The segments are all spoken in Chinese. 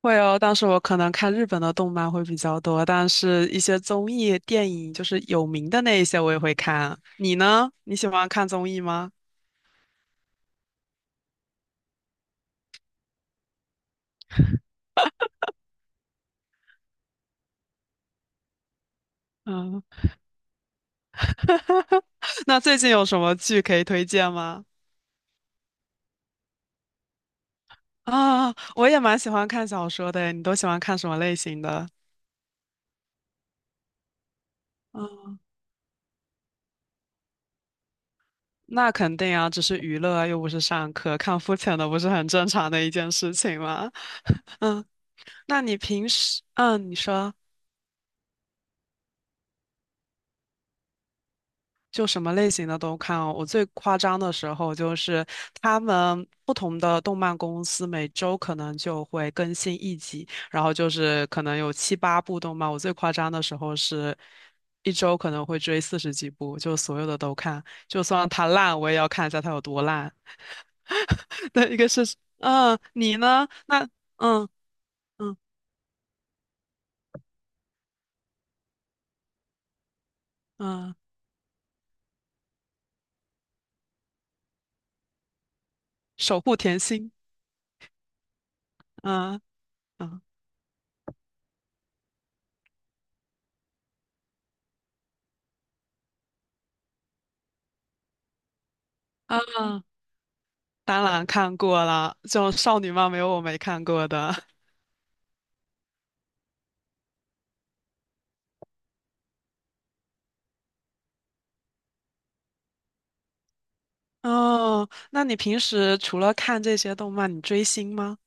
会哦，但是我可能看日本的动漫会比较多，但是一些综艺、电影，就是有名的那一些我也会看。你呢？你喜欢看综艺吗？嗯，那最近有什么剧可以推荐吗？啊，我也蛮喜欢看小说的，你都喜欢看什么类型的？嗯，那肯定啊，只是娱乐啊又不是上课，看肤浅的不是很正常的一件事情吗？嗯，那你平时，嗯，你说。就什么类型的都看哦。我最夸张的时候就是他们不同的动漫公司每周可能就会更新一集，然后就是可能有7、8部动漫。我最夸张的时候是一周可能会追40几部，就所有的都看，就算它烂我也要看一下它有多烂。对，一个是，嗯，你呢？那，嗯嗯嗯，守护甜心，嗯嗯。啊，当然看过了，就少女漫没有我没看过的。哦，那你平时除了看这些动漫，你追星吗？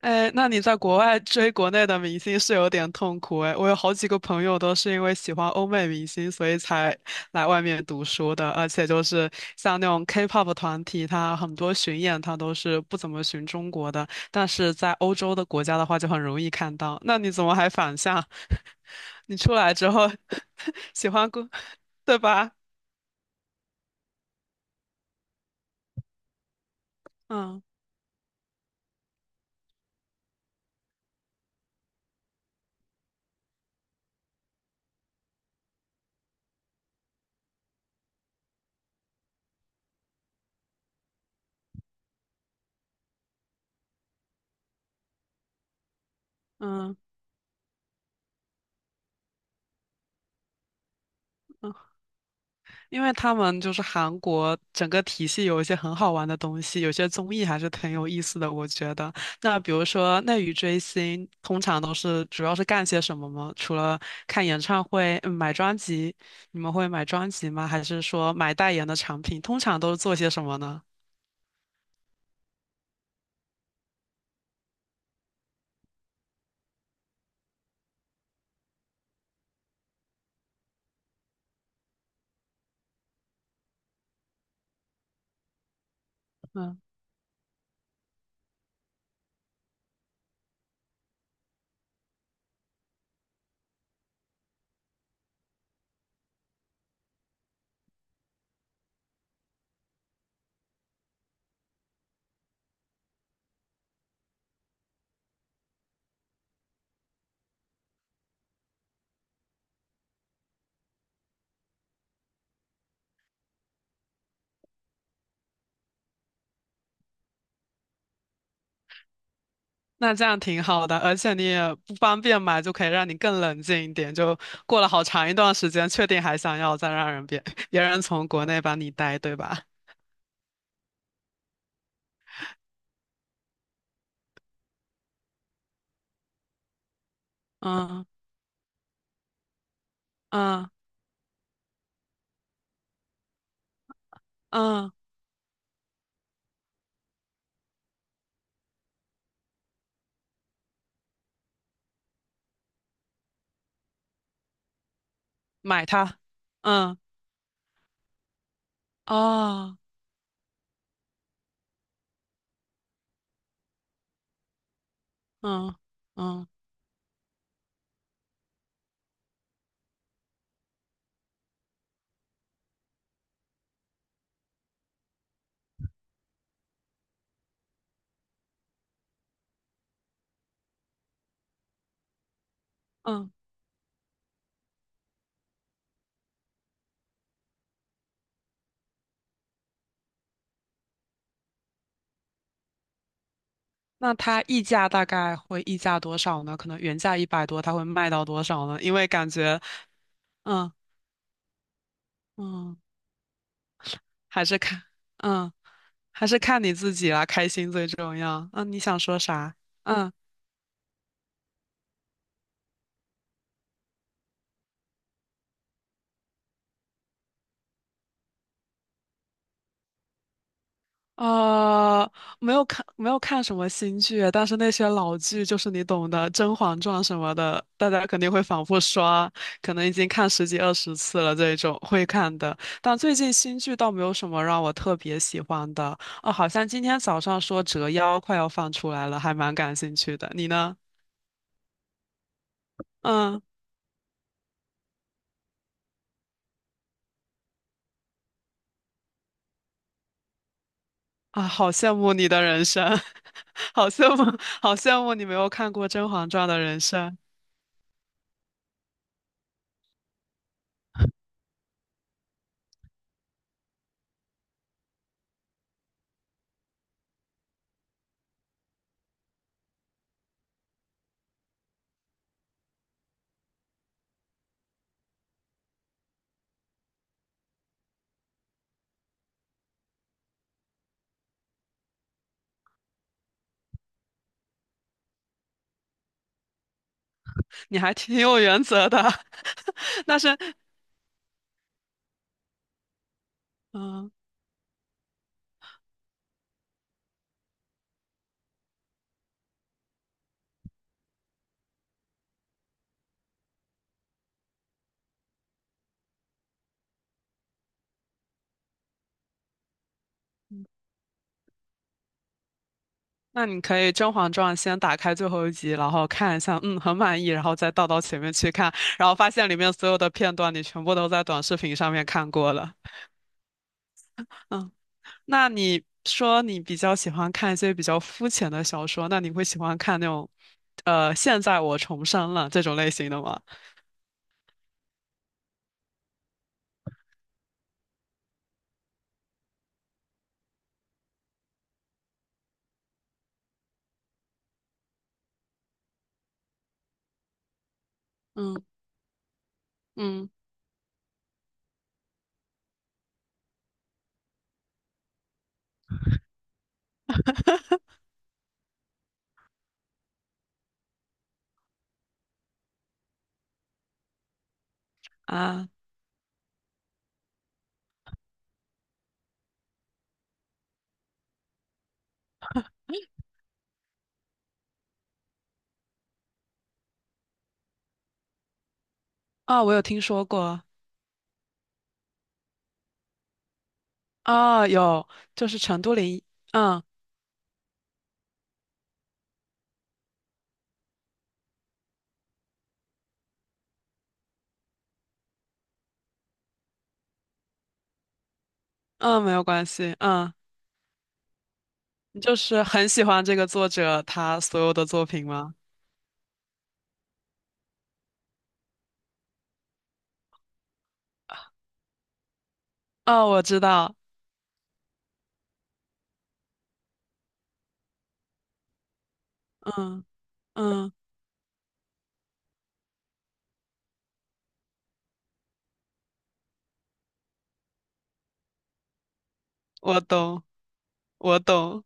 哎，那你在国外追国内的明星是有点痛苦哎。我有好几个朋友都是因为喜欢欧美明星，所以才来外面读书的。而且就是像那种 K-pop 团体，它很多巡演它都是不怎么巡中国的，但是在欧洲的国家的话就很容易看到。那你怎么还反向？你出来之后 喜欢过，对吧？嗯嗯。嗯因为他们就是韩国整个体系有一些很好玩的东西，有些综艺还是挺有意思的，我觉得。那比如说内娱追星，通常都是主要是干些什么吗？除了看演唱会、买专辑，你们会买专辑吗？还是说买代言的产品？通常都是做些什么呢？嗯，那这样挺好的，而且你也不方便买，就可以让你更冷静一点。就过了好长一段时间，确定还想要，再让人别 别人从国内把你带，对吧？嗯嗯。嗯，买它，嗯，哦，嗯嗯嗯，那它溢价大概会溢价多少呢？可能原价一百多，它会卖到多少呢？因为感觉，嗯嗯，还是看，嗯，还是看你自己啦，开心最重要。嗯，你想说啥？嗯。呃，没有看什么新剧，但是那些老剧就是你懂的，《甄嬛传》什么的，大家肯定会反复刷，可能已经看10几20次了这种会看的。但最近新剧倒没有什么让我特别喜欢的。哦，好像今天早上说《折腰》快要放出来了，还蛮感兴趣的。你呢？嗯啊，好羡慕你的人生，好羡慕，好羡慕你没有看过《甄嬛传》的人生，你还挺有原则的。但是嗯，那你可以《甄嬛传》先打开最后一集，然后看一下，嗯，很满意，然后再倒到前面去看，然后发现里面所有的片段你全部都在短视频上面看过了。嗯，那你说你比较喜欢看一些比较肤浅的小说，那你会喜欢看那种，现在我重生了这种类型的吗？嗯嗯啊。啊，我有听说过。啊，有，就是陈都灵，嗯嗯，没有关系，嗯。你就是很喜欢这个作者他所有的作品吗？哦，我知道，嗯嗯，我懂，我懂，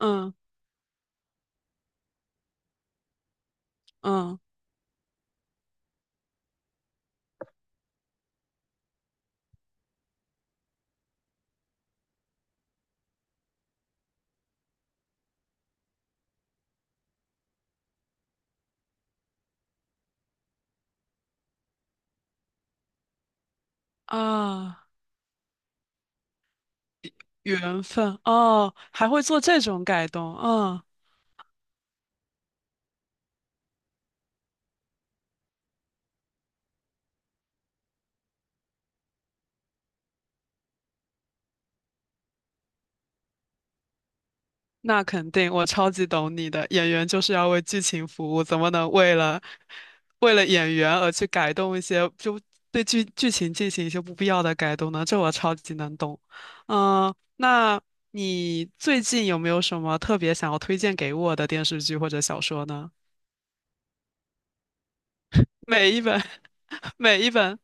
嗯嗯啊，缘分哦，还会做这种改动，嗯。那肯定，我超级懂你的。演员就是要为剧情服务，怎么能为了演员而去改动一些，就对剧情进行一些不必要的改动呢？这我超级能懂。嗯，那你最近有没有什么特别想要推荐给我的电视剧或者小说呢？每一本，每一本。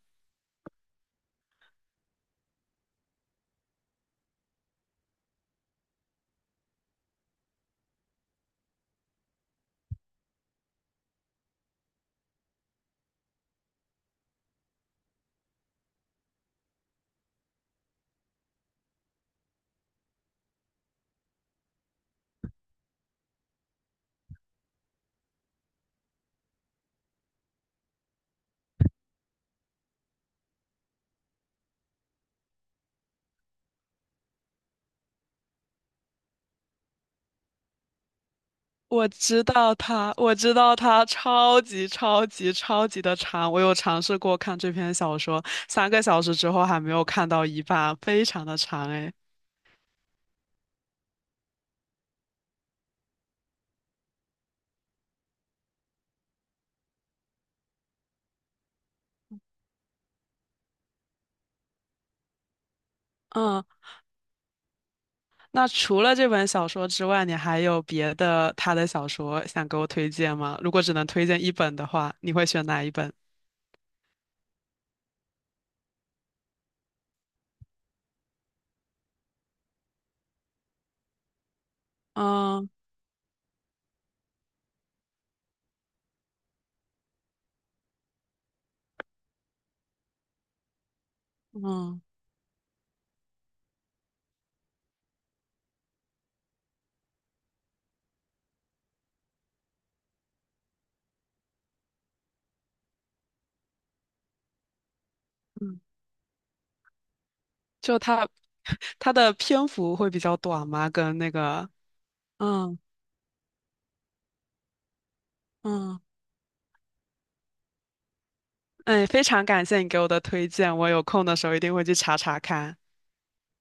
我知道他，我知道他超级超级超级的长。我有尝试过看这篇小说，3个小时之后还没有看到一半，非常的长诶。嗯，那除了这本小说之外，你还有别的他的小说想给我推荐吗？如果只能推荐一本的话，你会选哪一本？嗯嗯嗯，就他他的篇幅会比较短吗？跟那个嗯嗯，哎，非常感谢你给我的推荐，我有空的时候一定会去查查看。